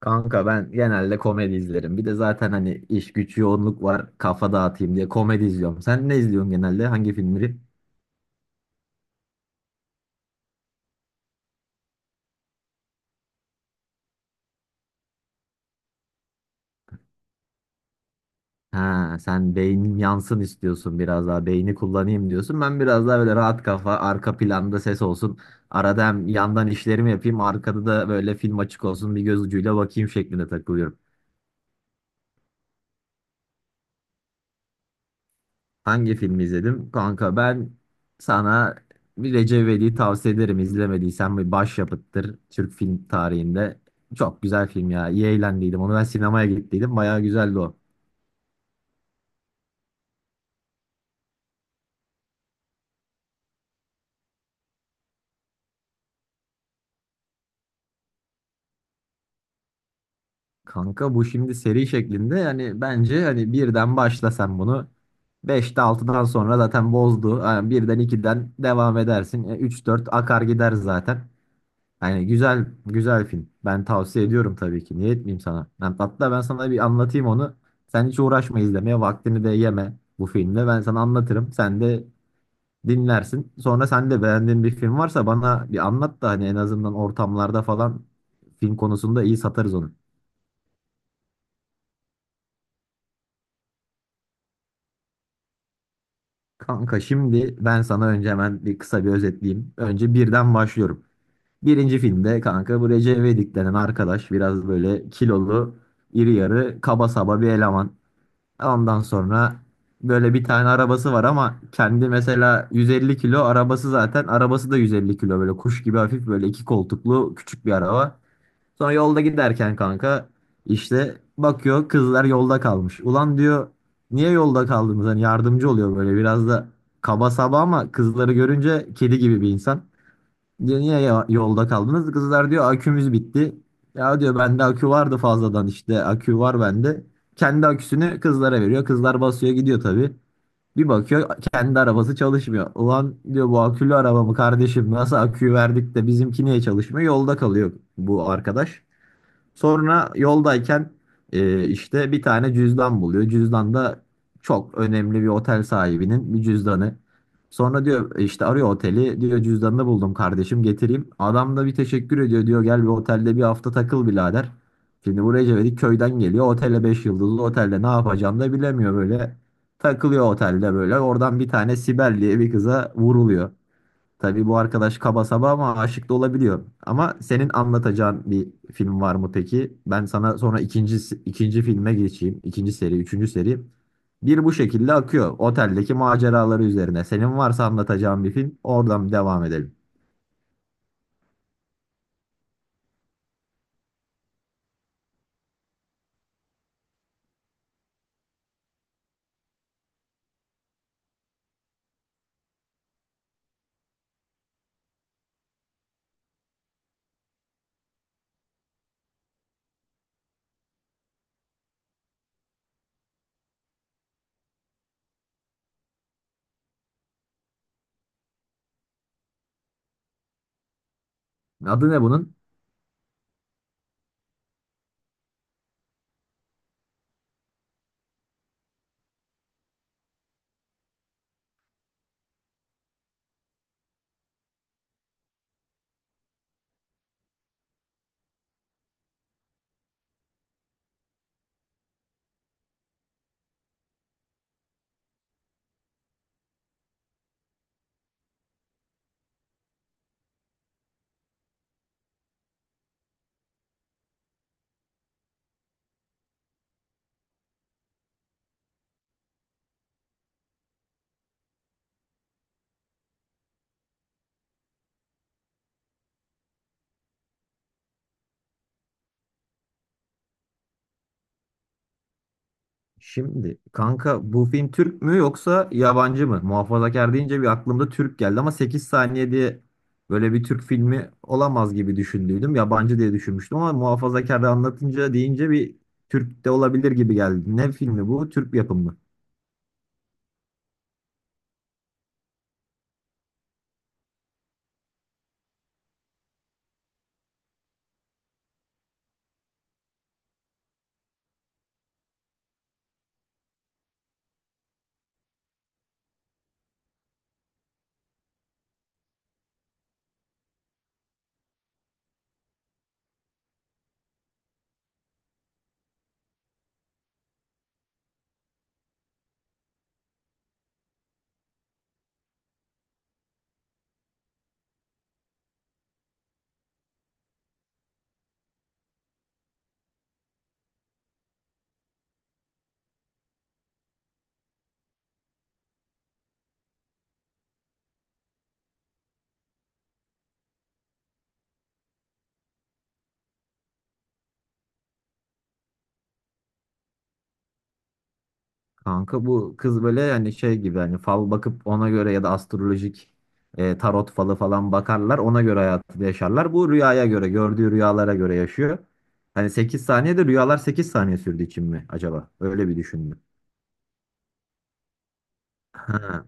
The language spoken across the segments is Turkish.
Kanka ben genelde komedi izlerim. Bir de zaten hani iş güç yoğunluk var. Kafa dağıtayım diye komedi izliyorum. Sen ne izliyorsun genelde? Hangi filmleri? Ha, sen beynin yansın istiyorsun biraz daha. Beyni kullanayım diyorsun. Ben biraz daha böyle rahat kafa, arka planda ses olsun. Arada hem yandan işlerimi yapayım, arkada da böyle film açık olsun. Bir göz ucuyla bakayım şeklinde takılıyorum. Hangi filmi izledim? Kanka ben sana bir Recep İvedik'i tavsiye ederim. İzlemediysen bir başyapıttır Türk film tarihinde. Çok güzel film ya. İyi eğlendiydim. Onu ben sinemaya gittiydim. Bayağı güzeldi o. Kanka bu şimdi seri şeklinde yani bence hani birden başla sen bunu. Beşte altıdan sonra zaten bozdu. Yani birden ikiden devam edersin. Üç dört akar gider zaten. Yani güzel güzel film. Ben tavsiye ediyorum tabii ki. Niye etmeyeyim sana? Hatta ben sana bir anlatayım onu. Sen hiç uğraşma izlemeye. Vaktini de yeme bu filmle. Ben sana anlatırım. Sen de dinlersin. Sonra sen de beğendiğin bir film varsa bana bir anlat da hani en azından ortamlarda falan film konusunda iyi satarız onu. Kanka şimdi ben sana önce hemen bir kısa bir özetleyeyim. Önce birden başlıyorum. Birinci filmde kanka bu Recep İvedik denen arkadaş biraz böyle kilolu, iri yarı, kaba saba bir eleman. Ondan sonra böyle bir tane arabası var ama kendi mesela 150 kilo arabası zaten arabası da 150 kilo böyle kuş gibi hafif böyle iki koltuklu küçük bir araba. Sonra yolda giderken kanka işte bakıyor kızlar yolda kalmış. Ulan diyor niye yolda kaldınız? Hani yardımcı oluyor böyle biraz da kaba saba ama kızları görünce kedi gibi bir insan. Diyor niye yolda kaldınız? Kızlar diyor akümüz bitti. Ya diyor bende akü vardı fazladan işte akü var bende. Kendi aküsünü kızlara veriyor. Kızlar basıyor gidiyor tabii. Bir bakıyor kendi arabası çalışmıyor. Ulan diyor bu akülü arabamı kardeşim nasıl aküyü verdik de bizimki niye çalışmıyor? Yolda kalıyor bu arkadaş. Sonra yoldayken işte bir tane cüzdan buluyor. Cüzdan da çok önemli bir otel sahibinin bir cüzdanı. Sonra diyor işte arıyor oteli. Diyor cüzdanını buldum kardeşim getireyim. Adam da bir teşekkür ediyor. Diyor gel bir otelde bir hafta takıl birader. Şimdi buraya Cevdet köyden geliyor. Otele 5 yıldızlı otelde ne yapacağını da bilemiyor böyle. Takılıyor otelde böyle. Oradan bir tane Sibel diye bir kıza vuruluyor. Tabii bu arkadaş kaba saba ama aşık da olabiliyor. Ama senin anlatacağın bir film var mı peki? Ben sana sonra ikinci filme geçeyim. İkinci seri, üçüncü seri. Bir bu şekilde akıyor. Oteldeki maceraları üzerine. Senin varsa anlatacağın bir film, oradan devam edelim. Adı ne bunun? Şimdi kanka bu film Türk mü yoksa yabancı mı? Muhafazakar deyince bir aklımda Türk geldi ama 8 saniye diye böyle bir Türk filmi olamaz gibi düşündüydüm. Yabancı diye düşünmüştüm ama muhafazakar anlatınca deyince bir Türk de olabilir gibi geldi. Ne filmi bu? Türk yapımı. Kanka bu kız böyle yani şey gibi hani fal bakıp ona göre ya da astrolojik tarot falı falan bakarlar ona göre hayatı yaşarlar. Bu rüyaya göre gördüğü rüyalara göre yaşıyor. Hani 8 saniyede rüyalar 8 saniye sürdüğü için mi acaba? Öyle bir düşündüm. Ha,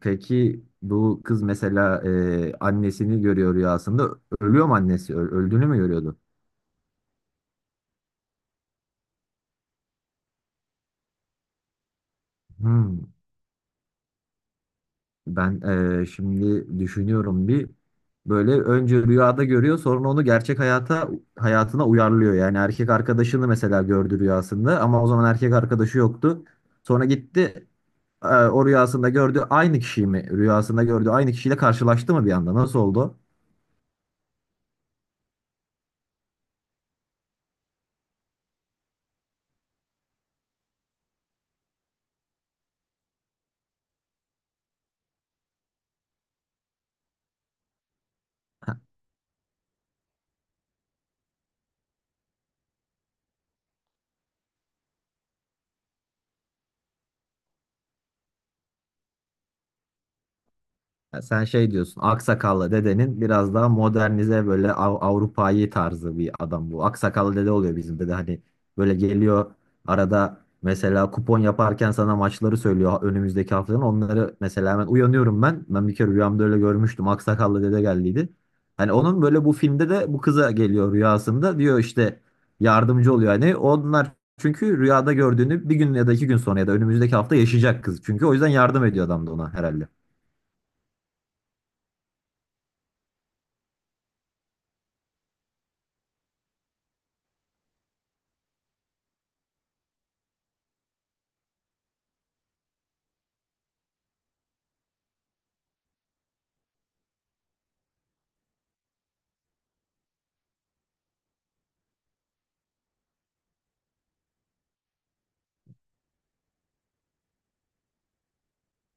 peki bu kız mesela annesini görüyor rüyasında. Ölüyor mu annesi? Öldüğünü mü görüyordu? Hmm. Ben şimdi düşünüyorum bir böyle önce rüyada görüyor sonra onu gerçek hayatına uyarlıyor. Yani erkek arkadaşını mesela gördü rüyasında ama o zaman erkek arkadaşı yoktu. Sonra gitti o rüyasında gördüğü aynı kişiyle karşılaştı mı bir anda nasıl oldu? Ya sen şey diyorsun, aksakallı dedenin biraz daha modernize böyle Avrupa'yı tarzı bir adam bu. Aksakallı dede oluyor bizim dede hani böyle geliyor arada mesela kupon yaparken sana maçları söylüyor önümüzdeki haftanın. Onları mesela hemen uyanıyorum ben. Ben bir kere rüyamda öyle görmüştüm. Aksakallı dede geldiydi. Hani onun böyle bu filmde de bu kıza geliyor rüyasında diyor işte yardımcı oluyor hani onlar çünkü rüyada gördüğünü bir gün ya da iki gün sonra ya da önümüzdeki hafta yaşayacak kız. Çünkü o yüzden yardım ediyor adam da ona herhalde.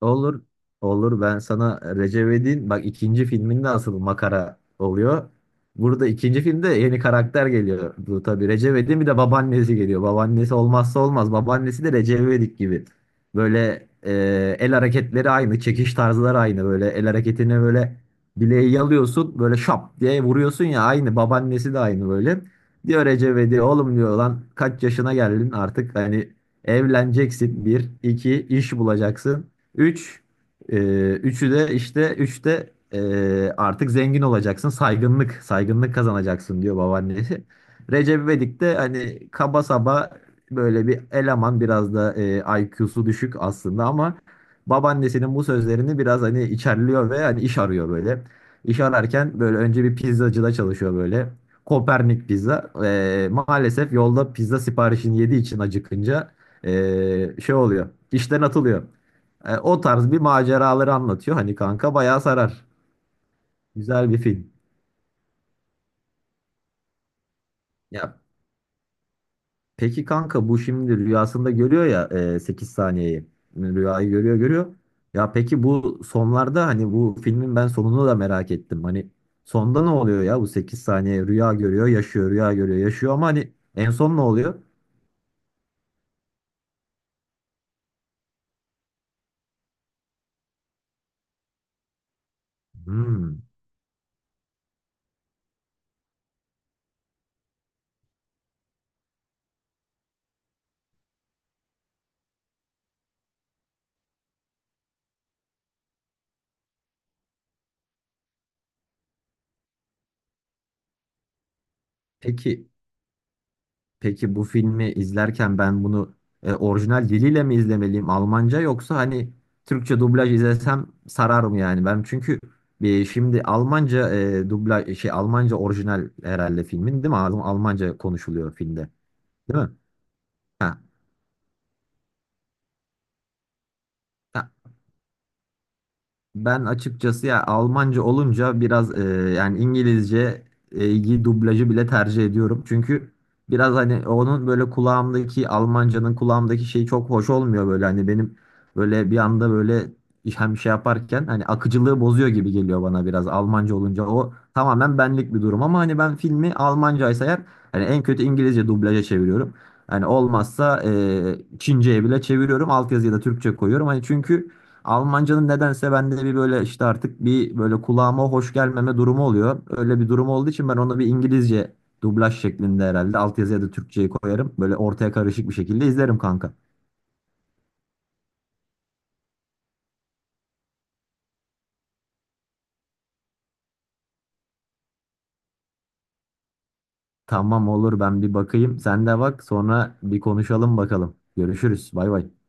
Olur. Olur. Ben sana Recep İvedik'in bak ikinci filminde asıl makara oluyor. Burada ikinci filmde yeni karakter geliyor. Bu tabii Recep İvedik'in bir de babaannesi geliyor. Babaannesi olmazsa olmaz. Babaannesi de Recep İvedik gibi. Böyle el hareketleri aynı, çekiş tarzları aynı. Böyle el hareketini böyle bileği yalıyorsun, böyle şap diye vuruyorsun ya aynı. Babaannesi de aynı böyle. Diyor Recep İvedik, oğlum diyor lan kaç yaşına geldin artık hani. Evleneceksin bir, iki iş bulacaksın. Üç, e, üçü de işte üçte artık zengin olacaksın. Saygınlık, saygınlık kazanacaksın diyor babaannesi. Recep İvedik de hani kaba saba böyle bir eleman biraz da IQ'su düşük aslında ama babaannesinin bu sözlerini biraz hani içerliyor ve hani iş arıyor böyle. İş ararken böyle önce bir pizzacıda çalışıyor böyle. Kopernik pizza. Maalesef yolda pizza siparişini yediği için acıkınca e, şey oluyor. İşten atılıyor. O tarz bir maceraları anlatıyor. Hani kanka bayağı sarar. Güzel bir film. Ya peki kanka bu şimdi rüyasında görüyor ya 8 saniyeyi. Rüyayı görüyor görüyor. Ya peki bu sonlarda hani bu filmin ben sonunu da merak ettim. Hani sonda ne oluyor ya bu 8 saniye rüya görüyor yaşıyor rüya görüyor yaşıyor ama hani en son ne oluyor? Hmm. Peki Peki bu filmi izlerken ben bunu orijinal diliyle mi izlemeliyim? Almanca yoksa hani Türkçe dublaj izlesem sarar mı yani? Ben çünkü bir şimdi Almanca dublaj şey Almanca orijinal herhalde filmin değil mi? Almanca konuşuluyor filmde. Değil mi? Ha. Ha, ben açıkçası ya Almanca olunca biraz yani İngilizce iyi dublajı bile tercih ediyorum. Çünkü biraz hani onun böyle kulağımdaki Almancanın kulağımdaki şeyi çok hoş olmuyor böyle hani benim böyle bir anda böyle hem şey yaparken hani akıcılığı bozuyor gibi geliyor bana biraz Almanca olunca o tamamen benlik bir durum ama hani ben filmi Almancaysa eğer hani en kötü İngilizce dublaja çeviriyorum. Hani olmazsa Çince'ye bile çeviriyorum altyazıya da Türkçe koyuyorum hani çünkü Almancanın nedense bende bir böyle işte artık bir böyle kulağıma hoş gelmeme durumu oluyor. Öyle bir durum olduğu için ben ona bir İngilizce dublaj şeklinde herhalde altyazıya da Türkçeyi koyarım. Böyle ortaya karışık bir şekilde izlerim kanka. Tamam olur ben bir bakayım. Sen de bak sonra bir konuşalım bakalım. Görüşürüz. Bay bay.